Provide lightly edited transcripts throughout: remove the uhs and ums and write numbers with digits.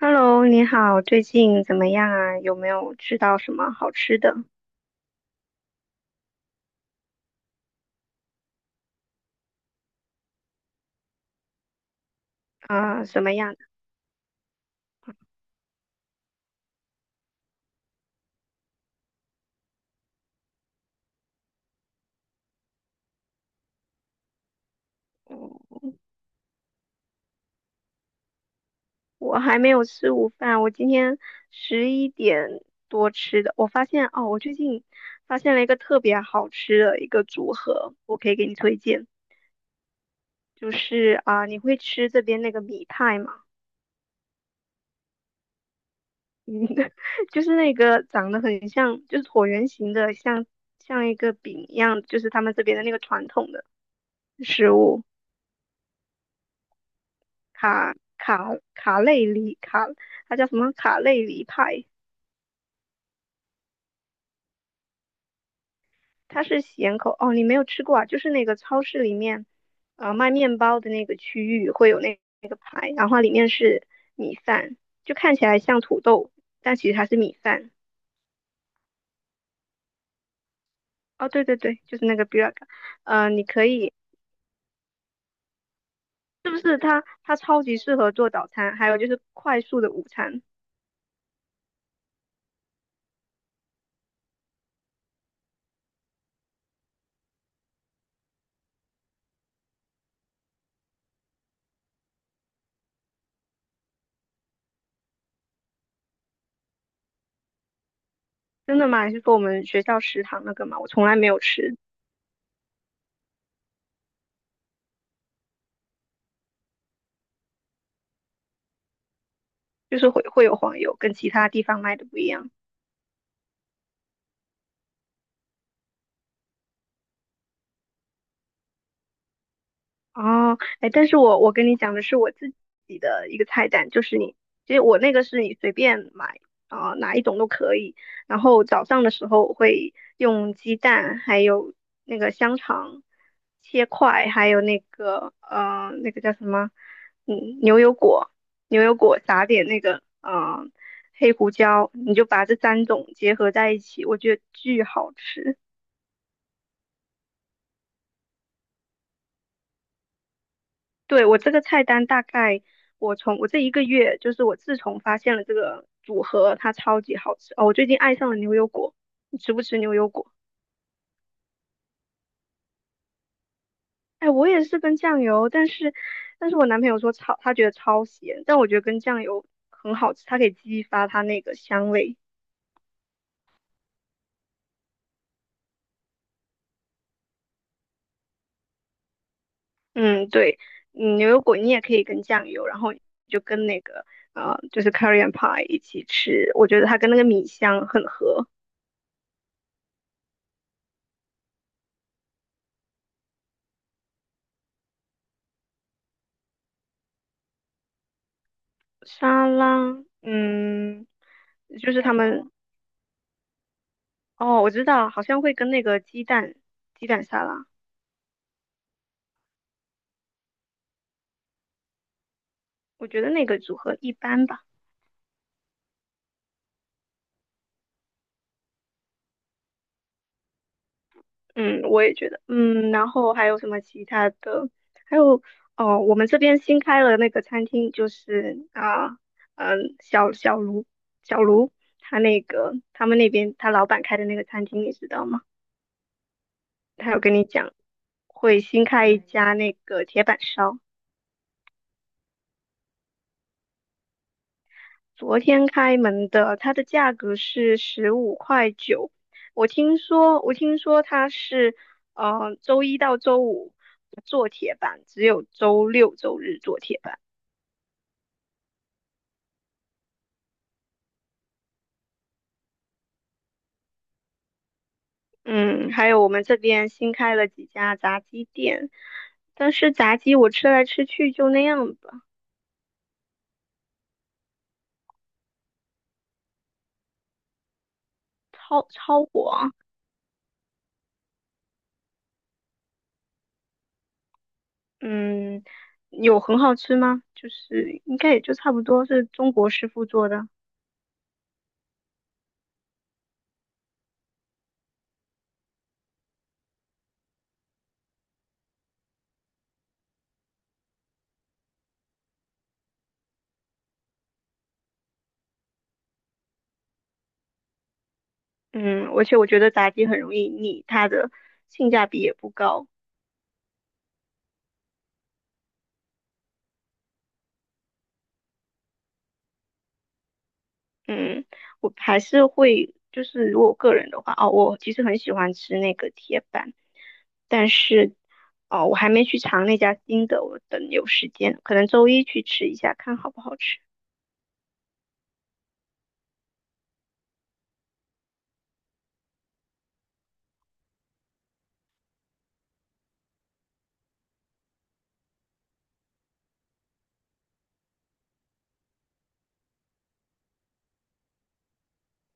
Hello，你好，最近怎么样啊？有没有吃到什么好吃的？啊、什么样的？嗯我我还没有吃午饭，我今天11点多吃的。我最近发现了一个特别好吃的一个组合，我可以给你推荐。就是啊、你会吃这边那个米派吗？嗯，就是那个长得很像，就是椭圆形的，像一个饼一样，就是他们这边的那个传统的食物。卡卡卡累里卡，它叫什么卡累里派，它是咸口。哦，你没有吃过啊？就是那个超市里面，卖面包的那个区域会有那个派，然后里面是米饭，就看起来像土豆，但其实它是米饭。哦，对对对，就是那个 burek 呃，你可以，是不是它超级适合做早餐，还有就是快速的午餐。真的吗？你是说我们学校食堂那个嘛，我从来没有吃，就是会有黄油，跟其他地方卖的不一样。哦，哎，但是我跟你讲的是我自己的一个菜单，就是你，其实我那个是你随便买啊、哪一种都可以。然后早上的时候我会用鸡蛋，还有那个香肠切块，还有那个那个叫什么，牛油果，牛油果撒点那个黑胡椒，你就把这三种结合在一起，我觉得巨好吃。对，我这个菜单大概，我从我这一个月，就是我自从发现了这个组合，它超级好吃哦。我最近爱上了牛油果，你吃不吃牛油果？哎，我也是跟酱油，但是我男朋友他觉得超咸，但我觉得跟酱油很好吃，它可以激发它那个香味。嗯，对，牛油果你也可以跟酱油，然后就跟那个就是 corryan pie 一起吃，我觉得它跟那个米香很合。沙拉，嗯，就是他们。哦，我知道，好像会跟那个鸡蛋沙拉，我觉得那个组合一般吧。嗯，我也觉得。嗯，然后还有什么其他的？还有哦，我们这边新开了那个餐厅，就是啊，嗯，小小卢小卢他那个他们那边他老板开的那个餐厅，你知道吗？他有跟你讲会新开一家那个铁板烧。昨天开门的，它的价格是15块9。我听说它是，周一到周五不做铁板，只有周六周日做铁板。嗯，还有我们这边新开了几家炸鸡店，但是炸鸡我吃来吃去就那样吧，超超火。嗯，有很好吃吗？就是应该也就差不多是中国师傅做的。嗯，而且我觉得炸鸡很容易腻，它的性价比也不高。嗯，我还是会，就是如果我个人的话，哦，我其实很喜欢吃那个铁板，但是，哦，我还没去尝那家新的，我等有时间，可能周一去吃一下，看好不好吃。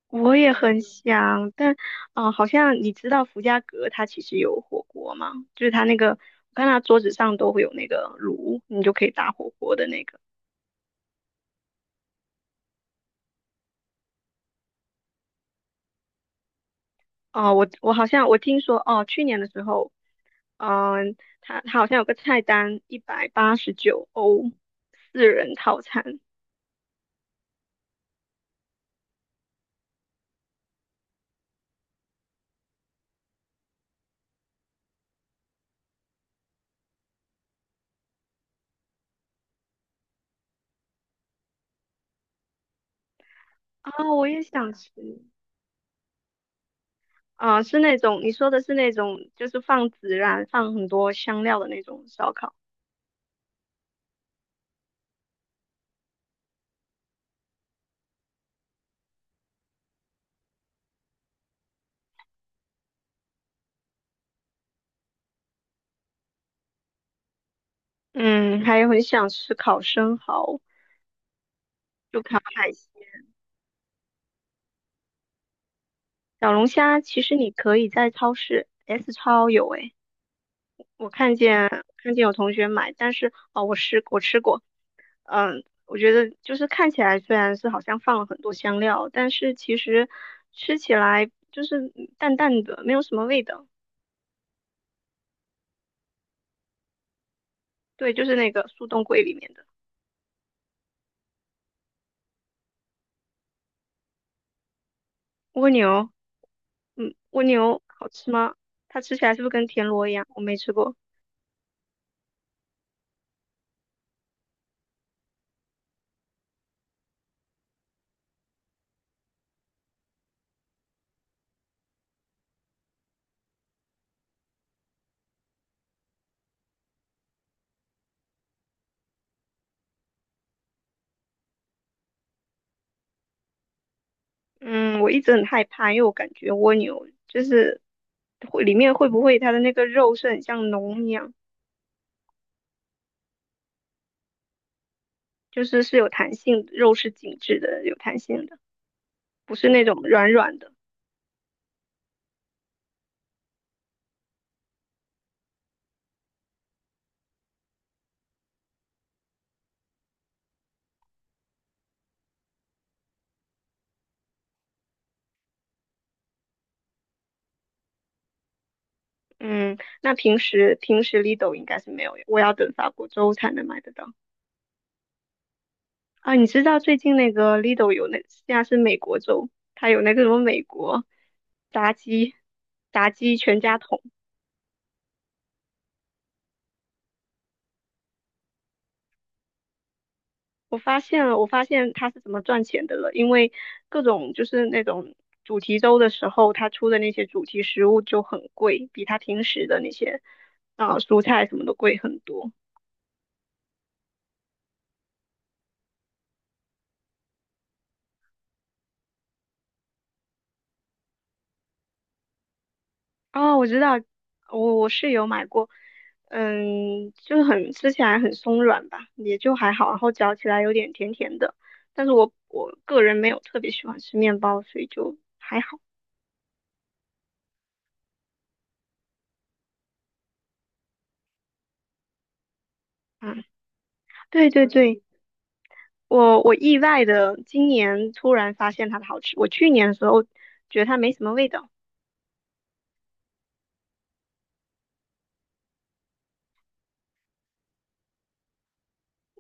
我也很想，但，啊，好像你知道福家阁它其实有火锅吗？就是它那个，我看它桌子上都会有那个炉，你就可以打火锅的那个。哦，我好像我听说哦，去年的时候，嗯，他好像有个菜单，189欧，4人套餐啊，我也想吃啊，是那种你说的是那种，就是放孜然、放很多香料的那种烧烤。嗯，还有很想吃烤生蚝、就烤海鲜、小龙虾。其实你可以在超市 S 超有诶，我看见有同学买，但是哦，我吃过。我觉得就是看起来虽然是好像放了很多香料，但是其实吃起来就是淡淡的，没有什么味道。对，就是那个速冻柜里面的蜗牛，蜗牛好吃吗？它吃起来是不是跟田螺一样？我没吃过。嗯，我一直很害怕，因为我感觉蜗牛就是会里面会不会它的那个肉是很像脓一样，就是是有弹性的，肉是紧致的，有弹性的，不是那种软软的。嗯，那平时 Lido 应该是没有，我要等法国州才能买得到啊。你知道最近那个 Lido 有那现在是美国州，它有那个什么美国炸鸡炸鸡全家桶。我发现了，我发现它是怎么赚钱的了，因为各种就是那种主题周的时候，它出的那些主题食物就很贵，比它平时的那些啊、蔬菜什么的贵很多。哦，我知道，我是有买过，就是很吃起来很松软吧，也就还好，然后嚼起来有点甜甜的，但是我个人没有特别喜欢吃面包，所以就还好。嗯，对对对，我意外的今年突然发现它的好吃，我去年的时候觉得它没什么味道，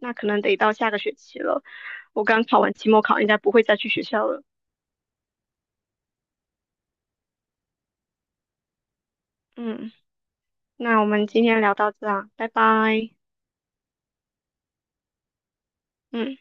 那可能得到下个学期了。我刚考完期末考，应该不会再去学校了。嗯，那我们今天聊到这啊，拜拜。嗯。